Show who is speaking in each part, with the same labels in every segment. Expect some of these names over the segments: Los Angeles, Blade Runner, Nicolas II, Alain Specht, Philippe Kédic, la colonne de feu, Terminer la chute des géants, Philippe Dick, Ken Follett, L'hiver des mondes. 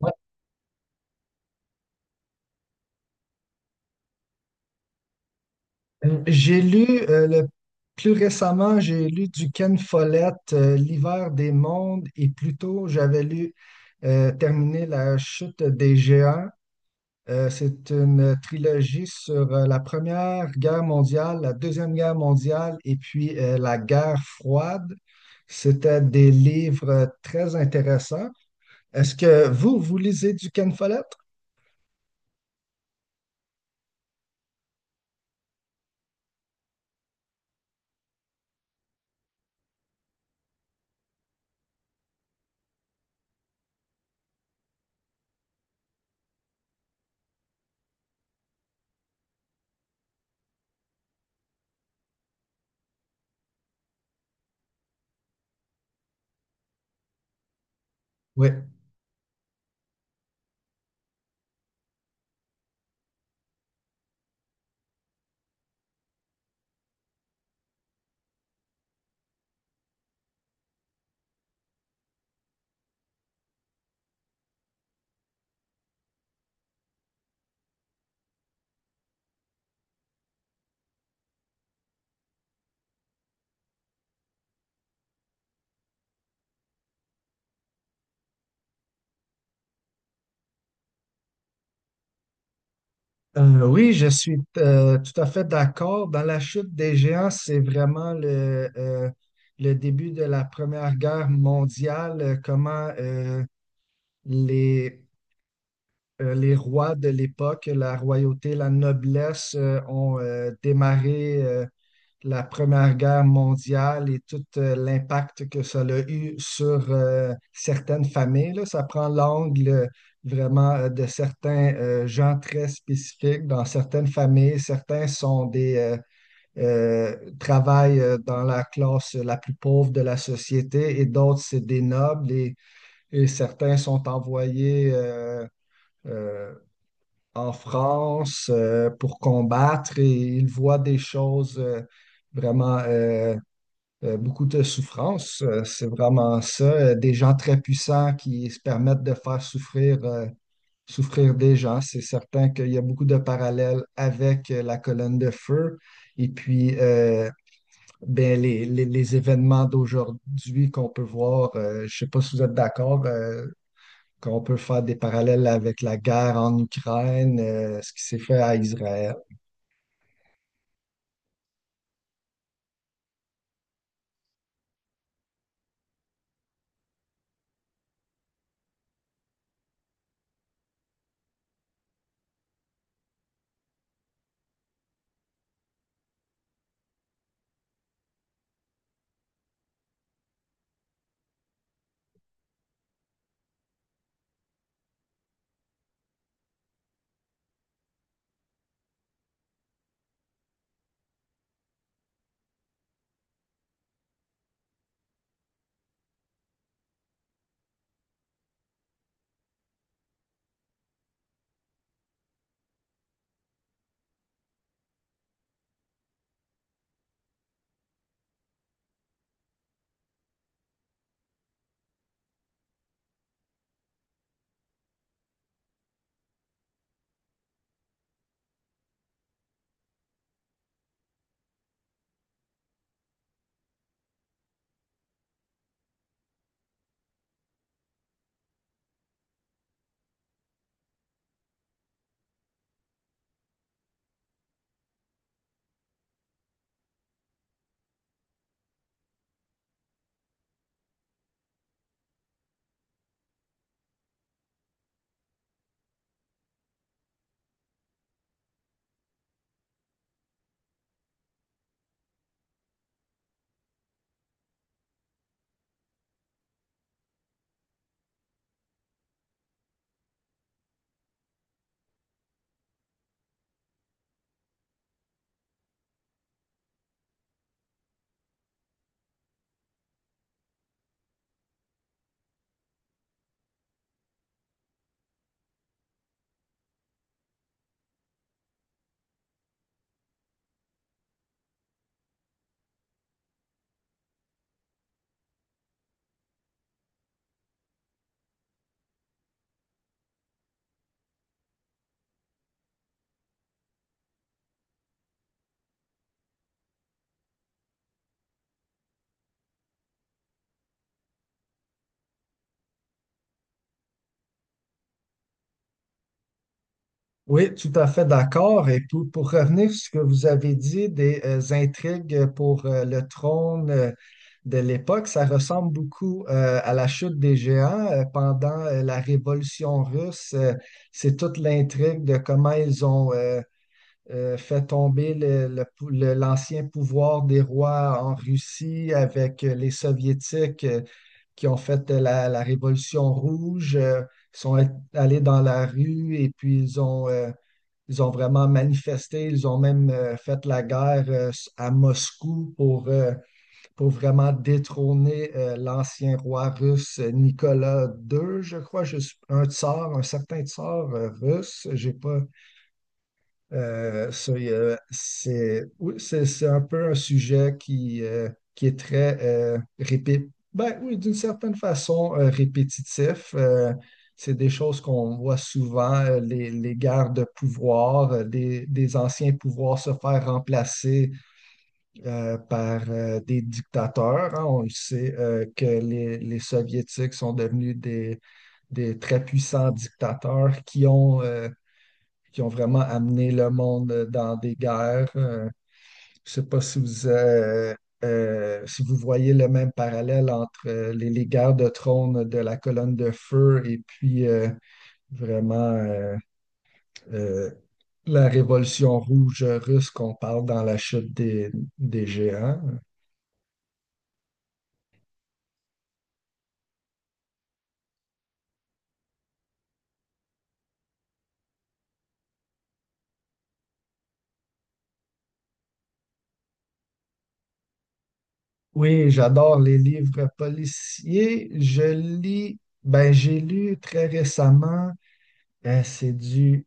Speaker 1: Ouais. J'ai lu plus récemment, j'ai lu du Ken Follett, L'hiver des mondes, et plus tôt, j'avais lu Terminer la chute des géants. C'est une trilogie sur la Première Guerre mondiale, la Deuxième Guerre mondiale et puis la guerre froide. C'était des livres très intéressants. Est-ce que vous lisez du Ken Follett? Oui. Oui, je suis tout à fait d'accord. Dans la chute des géants, c'est vraiment le début de la Première Guerre mondiale, comment les, les rois de l'époque, la royauté, la noblesse, ont démarré. La Première Guerre mondiale et tout l'impact que ça a eu sur certaines familles là. Ça prend l'angle vraiment de certains gens très spécifiques dans certaines familles. Certains sont des travaillent dans la classe la plus pauvre de la société et d'autres, c'est des nobles et certains sont envoyés euh, en France pour combattre et ils voient des choses vraiment beaucoup de souffrance. C'est vraiment ça. Des gens très puissants qui se permettent de faire souffrir, souffrir des gens. C'est certain qu'il y a beaucoup de parallèles avec la colonne de feu. Et puis, ben, les événements d'aujourd'hui qu'on peut voir, je ne sais pas si vous êtes d'accord, qu'on peut faire des parallèles avec la guerre en Ukraine, ce qui s'est fait à Israël. Oui, tout à fait d'accord. Et puis, pour revenir sur ce que vous avez dit des intrigues pour le trône de l'époque, ça ressemble beaucoup à la chute des géants pendant la Révolution russe. C'est toute l'intrigue de comment ils ont fait tomber l'ancien pouvoir des rois en Russie avec les Soviétiques qui ont fait la Révolution rouge. Ils sont allés dans la rue et puis ils ont vraiment manifesté, ils ont même fait la guerre à Moscou pour vraiment détrôner l'ancien roi russe Nicolas II, je crois, un tsar, un certain tsar russe. J'ai pas, ça, il y a- c'est oui, c'est un peu un sujet qui est très ben, oui, d'une certaine façon répétitif. C'est des choses qu'on voit souvent, les guerres de pouvoir, des anciens pouvoirs se faire remplacer par des dictateurs, hein. On le sait que les Soviétiques sont devenus des très puissants dictateurs qui ont vraiment amené le monde dans des guerres. Je sais pas si si vous voyez le même parallèle entre les guerres de trône de la colonne de feu et puis vraiment euh, la révolution rouge russe qu'on parle dans la chute des géants. Oui, j'adore les livres policiers. Ben j'ai lu très récemment, c'est du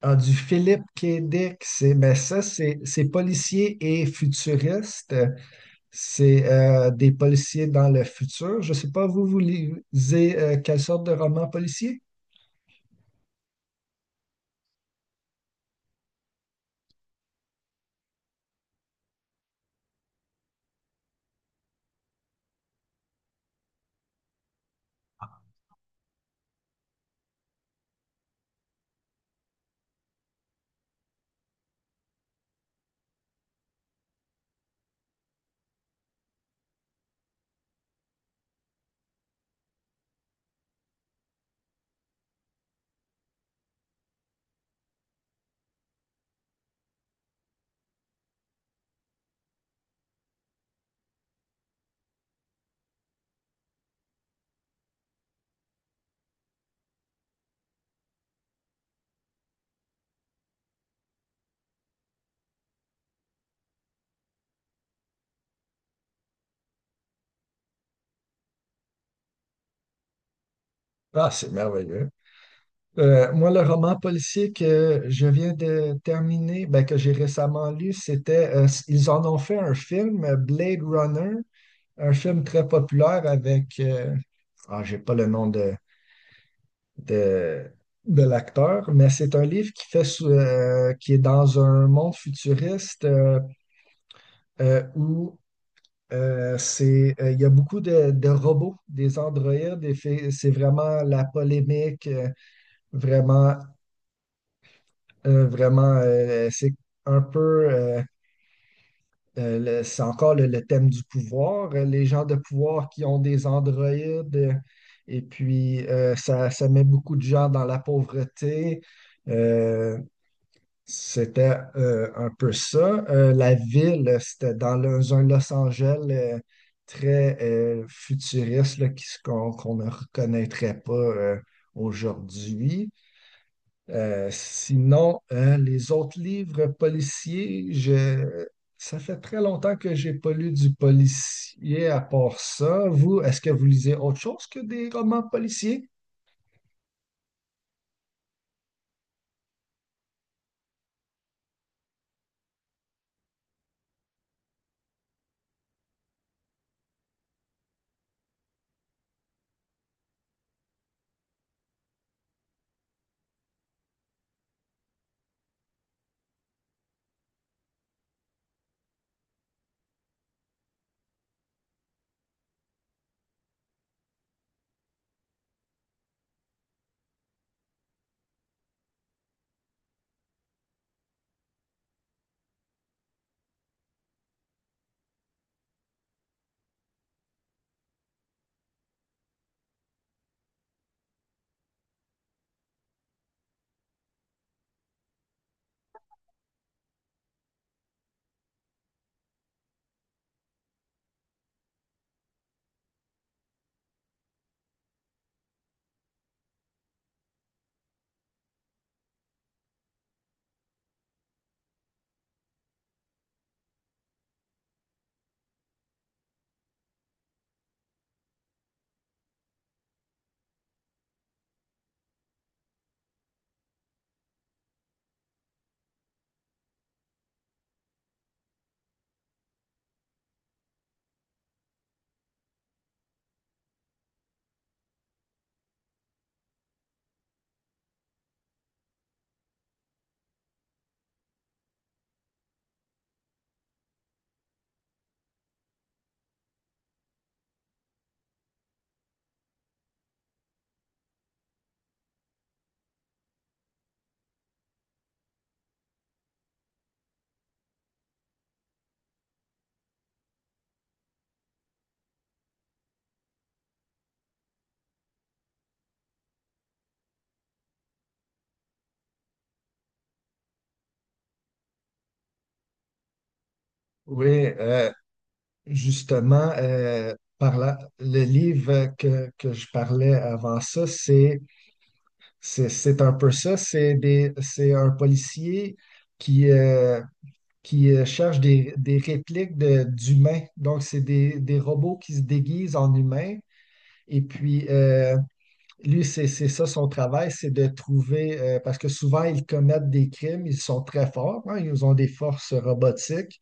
Speaker 1: Ah, du Philippe Kédic, c'est ben ça, c'est policier et futuriste. C'est des policiers dans le futur. Je sais pas, vous lisez quelle sorte de roman policier? Ah, c'est merveilleux. Moi, le roman policier que je viens de terminer, ben, que j'ai récemment lu, c'était, ils en ont fait un film, Blade Runner, un film très populaire avec, ah, j'ai pas le nom de, de, de l'acteur, mais c'est un livre qui est dans un monde futuriste où il y a beaucoup de robots, des androïdes, c'est vraiment la polémique. Vraiment c'est un peu, euh, c'est encore le thème du pouvoir, les gens de pouvoir qui ont des androïdes, et puis ça met beaucoup de gens dans la pauvreté. Euh, C'était un peu ça. La ville, c'était dans un Los Angeles très futuriste là, qu'on ne reconnaîtrait pas aujourd'hui. Sinon, les autres livres policiers, je... ça fait très longtemps que j'ai pas lu du policier à part ça. Vous, est-ce que vous lisez autre chose que des romans policiers? Oui, justement, par là, le livre que je parlais avant ça, c'est un peu ça. C'est un policier qui, euh, qui cherchent des, répliques d'humains. Donc, c'est des robots qui se déguisent en humains. Et puis, lui, c'est ça son travail, c'est de trouver, parce que souvent, ils commettent des crimes, ils sont très forts, hein, ils ont des forces robotiques.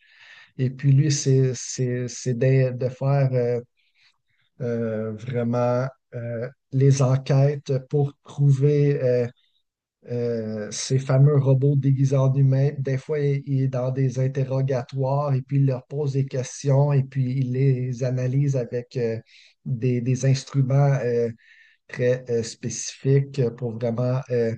Speaker 1: Et puis, lui, c'est de faire vraiment les enquêtes pour trouver. Ces fameux robots déguisés en humains, des fois, il est dans des interrogatoires et puis il leur pose des questions et puis il les analyse avec des instruments très spécifiques pour vraiment,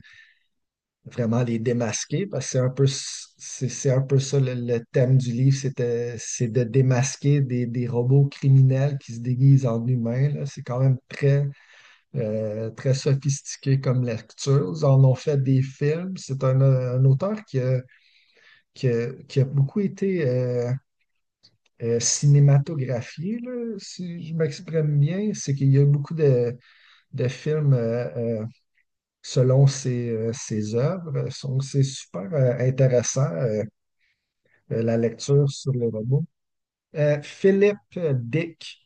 Speaker 1: vraiment les démasquer parce que c'est un peu, c'est un peu ça le thème du livre, c'est de démasquer des robots criminels qui se déguisent en humains, là. C'est quand même très, très sophistiqué comme lecture. Ils en ont fait des films. C'est un auteur qui a, qui a beaucoup été cinématographié, là, si je m'exprime bien. C'est qu'il y a beaucoup de films selon ses, ses œuvres. Donc, c'est super intéressant, la lecture sur le robot. Philippe Dick,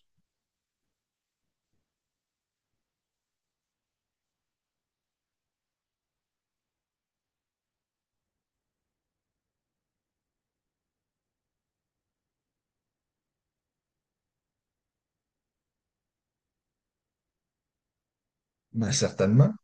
Speaker 1: ben, certainement.